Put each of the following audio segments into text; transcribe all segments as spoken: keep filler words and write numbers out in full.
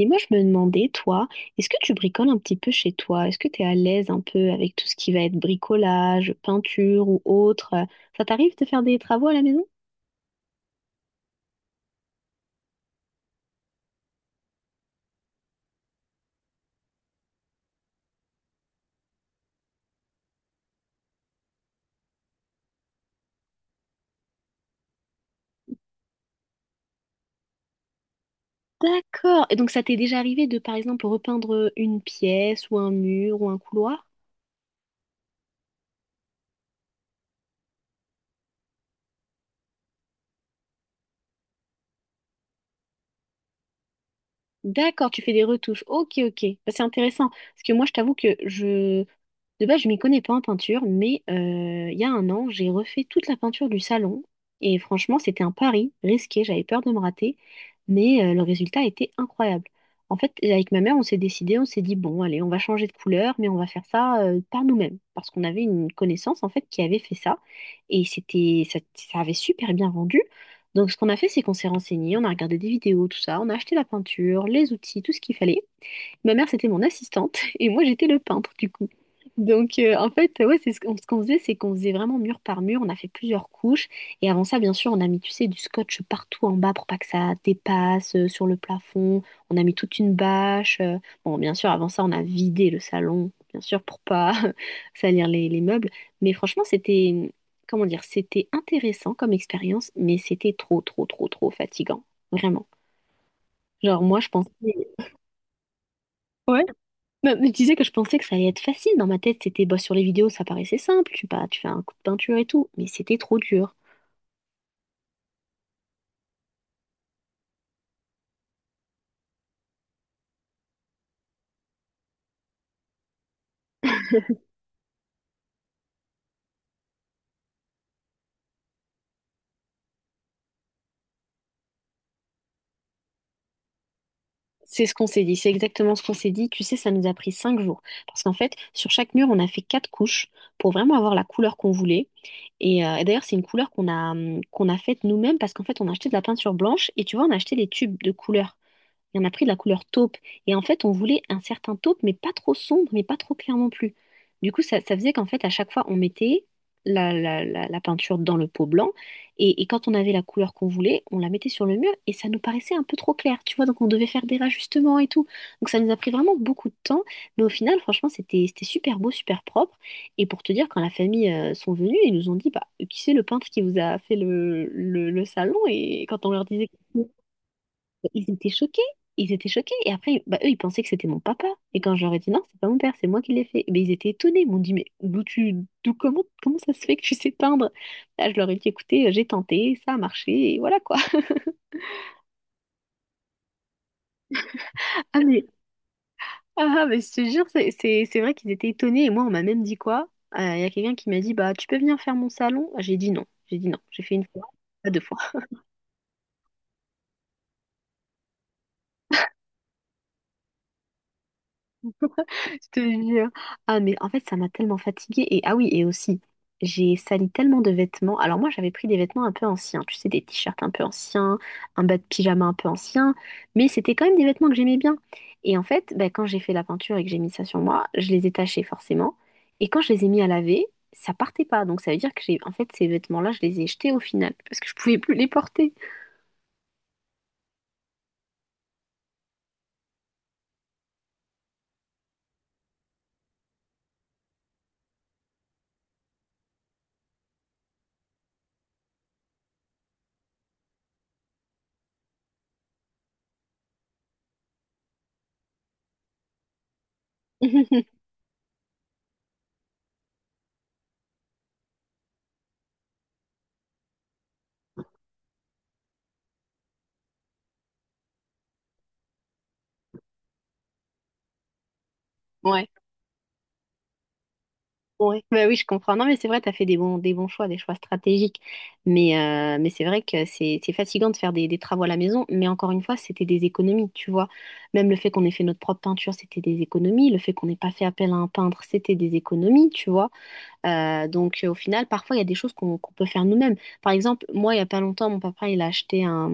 Et moi, je me demandais, toi, est-ce que tu bricoles un petit peu chez toi? Est-ce que tu es à l'aise un peu avec tout ce qui va être bricolage, peinture ou autre? Ça t'arrive de faire des travaux à la maison? D'accord. Et donc, ça t'est déjà arrivé de, par exemple, repeindre une pièce ou un mur ou un couloir? D'accord, tu fais des retouches. Ok, ok. Bah, c'est intéressant. Parce que moi, je t'avoue que je... De base, je m'y connais pas en peinture, mais euh, il y a un an, j'ai refait toute la peinture du salon. Et franchement, c'était un pari risqué. J'avais peur de me rater, mais euh, le résultat était incroyable. En fait, avec ma mère, on s'est décidé, on s'est dit, bon, allez, on va changer de couleur, mais on va faire ça euh, par nous-mêmes. Parce qu'on avait une connaissance, en fait, qui avait fait ça. Et c'était, ça ça avait super bien rendu. Donc, ce qu'on a fait, c'est qu'on s'est renseigné, on a regardé des vidéos, tout ça, on a acheté la peinture, les outils, tout ce qu'il fallait. Ma mère, c'était mon assistante et moi, j'étais le peintre, du coup. Donc, euh, en fait, ouais, c'est ce qu'on ce qu'on faisait, c'est qu'on faisait vraiment mur par mur. On a fait plusieurs couches. Et avant ça, bien sûr, on a mis, tu sais, du scotch partout en bas pour pas que ça dépasse euh, sur le plafond. On a mis toute une bâche. euh. Bon, bien sûr, avant ça, on a vidé le salon, bien sûr, pour pas salir les, les meubles. Mais franchement, c'était, comment dire, c'était intéressant comme expérience, mais c'était trop, trop, trop, trop fatigant. Vraiment. Genre, moi, je pensais... Ouais, bah, mais tu sais que je pensais que ça allait être facile. Dans ma tête, c'était bah, sur les vidéos, ça paraissait simple. Tu, bah, tu fais un coup de peinture et tout. Mais c'était trop dur. C'est ce qu'on s'est dit. C'est exactement ce qu'on s'est dit. Tu sais, ça nous a pris cinq jours. Parce qu'en fait, sur chaque mur, on a fait quatre couches pour vraiment avoir la couleur qu'on voulait. Et, euh, et d'ailleurs, c'est une couleur qu'on a, hum, qu'on a faite nous-mêmes parce qu'en fait, on a acheté de la peinture blanche et tu vois, on a acheté les tubes de couleurs. Il y en a pris de la couleur taupe. Et en fait, on voulait un certain taupe, mais pas trop sombre, mais pas trop clair non plus. Du coup, ça, ça faisait qu'en fait, à chaque fois, on mettait la, la- la- la peinture dans le pot blanc. Et, et quand on avait la couleur qu'on voulait, on la mettait sur le mur et ça nous paraissait un peu trop clair, tu vois. Donc, on devait faire des rajustements et tout. Donc, ça nous a pris vraiment beaucoup de temps. Mais au final, franchement, c'était, c'était super beau, super propre. Et pour te dire, quand la famille euh, sont venus, ils nous ont dit, bah, qui c'est le peintre qui vous a fait le, le, le salon? Et quand on leur disait... Ils étaient choqués. Ils étaient choqués. Et après, bah, eux, ils pensaient que c'était mon papa. Et quand je leur ai dit non, c'est pas mon père, c'est moi qui l'ai fait. Mais ils étaient étonnés. Ils m'ont dit, mais d'où tu, d'où, comment, comment ça se fait que tu sais peindre? Là, je leur ai dit, écoutez, euh, j'ai tenté, ça a marché, et voilà quoi. Ah mais, ah, mais je te jure, c'est c'est- c'est vrai qu'ils étaient étonnés. Et moi, on m'a même dit quoi? Euh, Il y a quelqu'un qui m'a dit, bah, tu peux venir faire mon salon? J'ai dit non. J'ai dit non. J'ai fait une fois, pas deux fois. Je te jure. Ah, mais en fait, ça m'a tellement fatiguée. Et ah oui, et aussi, j'ai sali tellement de vêtements. Alors moi, j'avais pris des vêtements un peu anciens, tu sais, des t-shirts un peu anciens, un bas de pyjama un peu ancien, mais c'était quand même des vêtements que j'aimais bien. Et en fait, bah, quand j'ai fait la peinture et que j'ai mis ça sur moi, je les ai tachés forcément. Et quand je les ai mis à laver, ça partait pas. Donc ça veut dire que j'ai, en fait, ces vêtements-là, je les ai jetés au final parce que je pouvais plus les porter. Ouais. Ouais. Bah oui, je comprends. Non, mais c'est vrai, tu as fait des bons, des bons choix, des choix stratégiques. Mais, euh, mais c'est vrai que c'est c'est fatigant de faire des, des travaux à la maison. Mais encore une fois, c'était des économies, tu vois. Même le fait qu'on ait fait notre propre peinture, c'était des économies. Le fait qu'on n'ait pas fait appel à un peintre, c'était des économies, tu vois. Euh, donc, euh, au final, parfois, il y a des choses qu'on qu'on peut faire nous-mêmes. Par exemple, moi, il n'y a pas longtemps, mon papa, il a acheté un,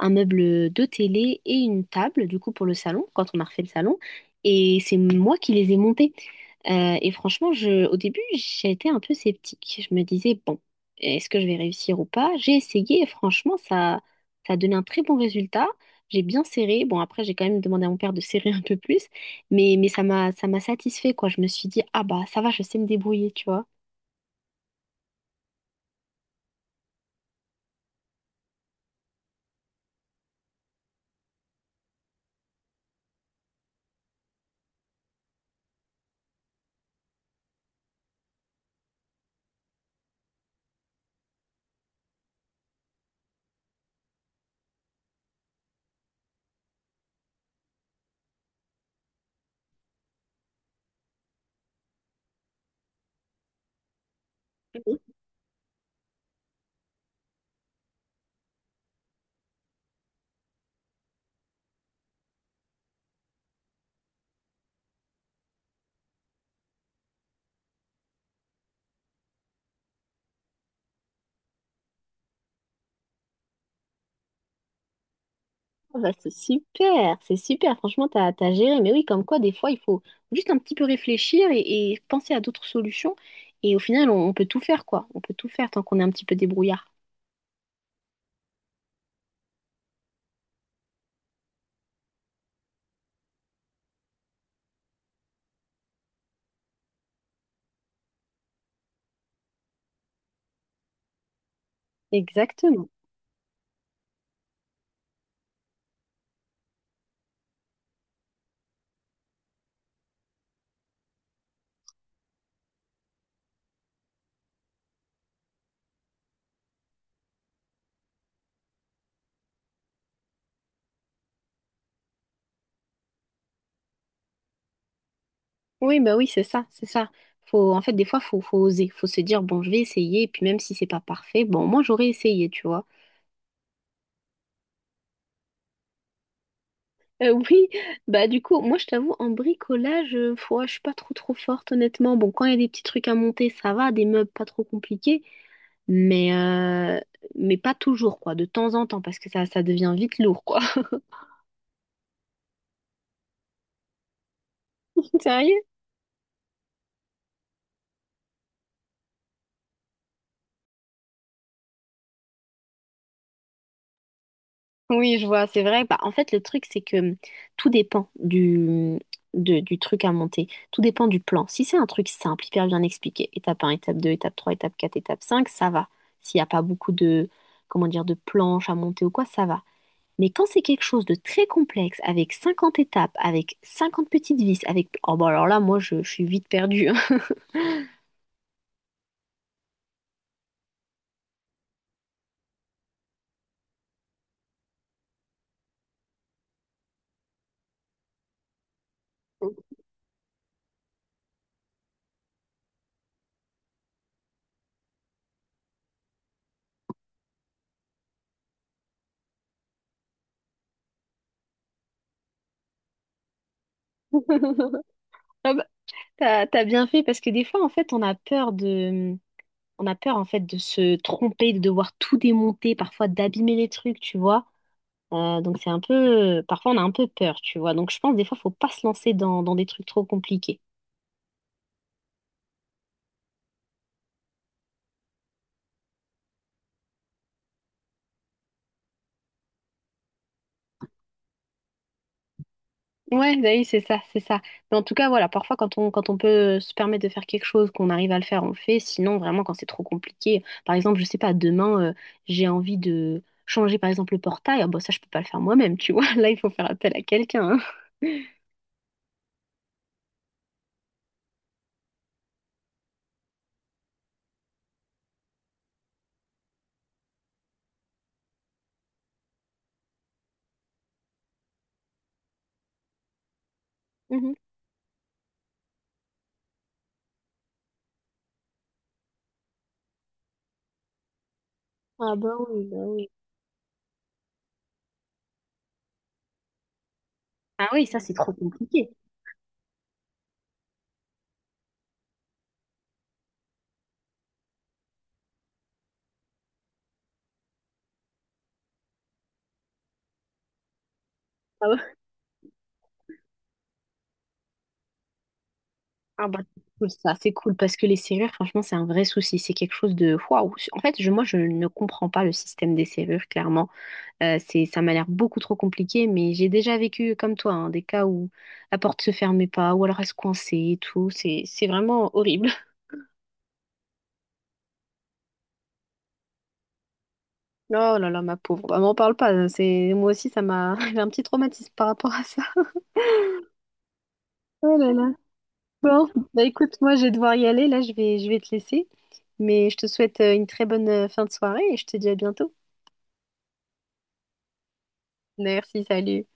un meuble de télé et une table, du coup, pour le salon, quand on a refait le salon. Et c'est moi qui les ai montés. Euh, et franchement, je, au début, j'étais un peu sceptique. Je me disais, bon, est-ce que je vais réussir ou pas? J'ai essayé et franchement, ça, ça a donné un très bon résultat. J'ai bien serré. Bon, après, j'ai quand même demandé à mon père de serrer un peu plus, mais, mais ça m'a, ça m'a satisfait, quoi. Je me suis dit, ah bah, ça va, je sais me débrouiller, tu vois. Ah bah, c'est super, c'est super. Franchement, t'as, t'as géré. Mais oui, comme quoi, des fois, il faut juste un petit peu réfléchir et, et penser à d'autres solutions. Et au final, on, on peut tout faire, quoi. On peut tout faire tant qu'on est un petit peu débrouillard. Exactement. Oui, bah oui, c'est ça, c'est ça. Faut, en fait, des fois, faut, faut oser. Faut se dire, bon, je vais essayer. Et puis même si c'est pas parfait, bon, moi, j'aurais essayé, tu vois. Euh, oui, bah du coup, moi je t'avoue, en bricolage, euh, pff, ouais, je suis pas trop trop forte honnêtement. Bon, quand il y a des petits trucs à monter, ça va, des meubles pas trop compliqués, mais, euh, mais pas toujours, quoi, de temps en temps, parce que ça, ça devient vite lourd, quoi. Sérieux? Oui, je vois, c'est vrai. Bah, en fait, le truc, c'est que hum, tout dépend du, hum, de- du truc à monter. Tout dépend du plan. Si c'est un truc simple, hyper bien expliqué, étape un, étape deux, étape trois, étape quatre, étape cinq, ça va. S'il n'y a pas beaucoup de, comment dire, de planches à monter ou quoi, ça va. Mais quand c'est quelque chose de très complexe, avec cinquante étapes, avec cinquante petites vis, avec... Oh bah alors là, moi, je, je suis vite perdue, hein. Ah bah, t'as, t'as bien fait, parce que des fois, en fait, on a peur de... On a peur, en fait, de se tromper, de devoir tout démonter, parfois d'abîmer les trucs, tu vois. Euh, donc c'est un peu... Parfois, on a un peu peur, tu vois. Donc je pense, des fois, faut pas se lancer dans, dans des trucs trop compliqués. Ouais, bah oui, c'est ça, c'est ça. Mais en tout cas, voilà, parfois quand on, quand on peut se permettre de faire quelque chose, qu'on arrive à le faire, on le fait. Sinon, vraiment, quand c'est trop compliqué, par exemple, je sais pas, demain, euh, j'ai envie de changer, par exemple, le portail. Ah, bah ça, je peux pas le faire moi-même, tu vois. Là, il faut faire appel à quelqu'un, hein. Mhm. Ah bah oui, bah oui. Ah oui, ça, c'est trop compliqué. Ah, ouais. Ah bah, c'est cool, ça, c'est cool, parce que les serrures, franchement, c'est un vrai souci. C'est quelque chose de... Waouh! En fait, je, moi, je ne comprends pas le système des serrures, clairement. Euh, c'est, ça m'a l'air beaucoup trop compliqué, mais j'ai déjà vécu comme toi, hein, des cas où la porte se fermait pas, ou alors elle se coinçait et tout. C'est, c'est vraiment horrible. Oh là là, ma pauvre. Bah, m'en parle pas, hein. C'est, moi aussi, ça m'a, j'ai un petit traumatisme par rapport à ça. Oh là là. Bon, bah écoute, moi, je vais devoir y aller. Là, je vais, je vais te laisser. Mais je te souhaite euh, une très bonne euh, fin de soirée et je te dis à bientôt. Merci, salut.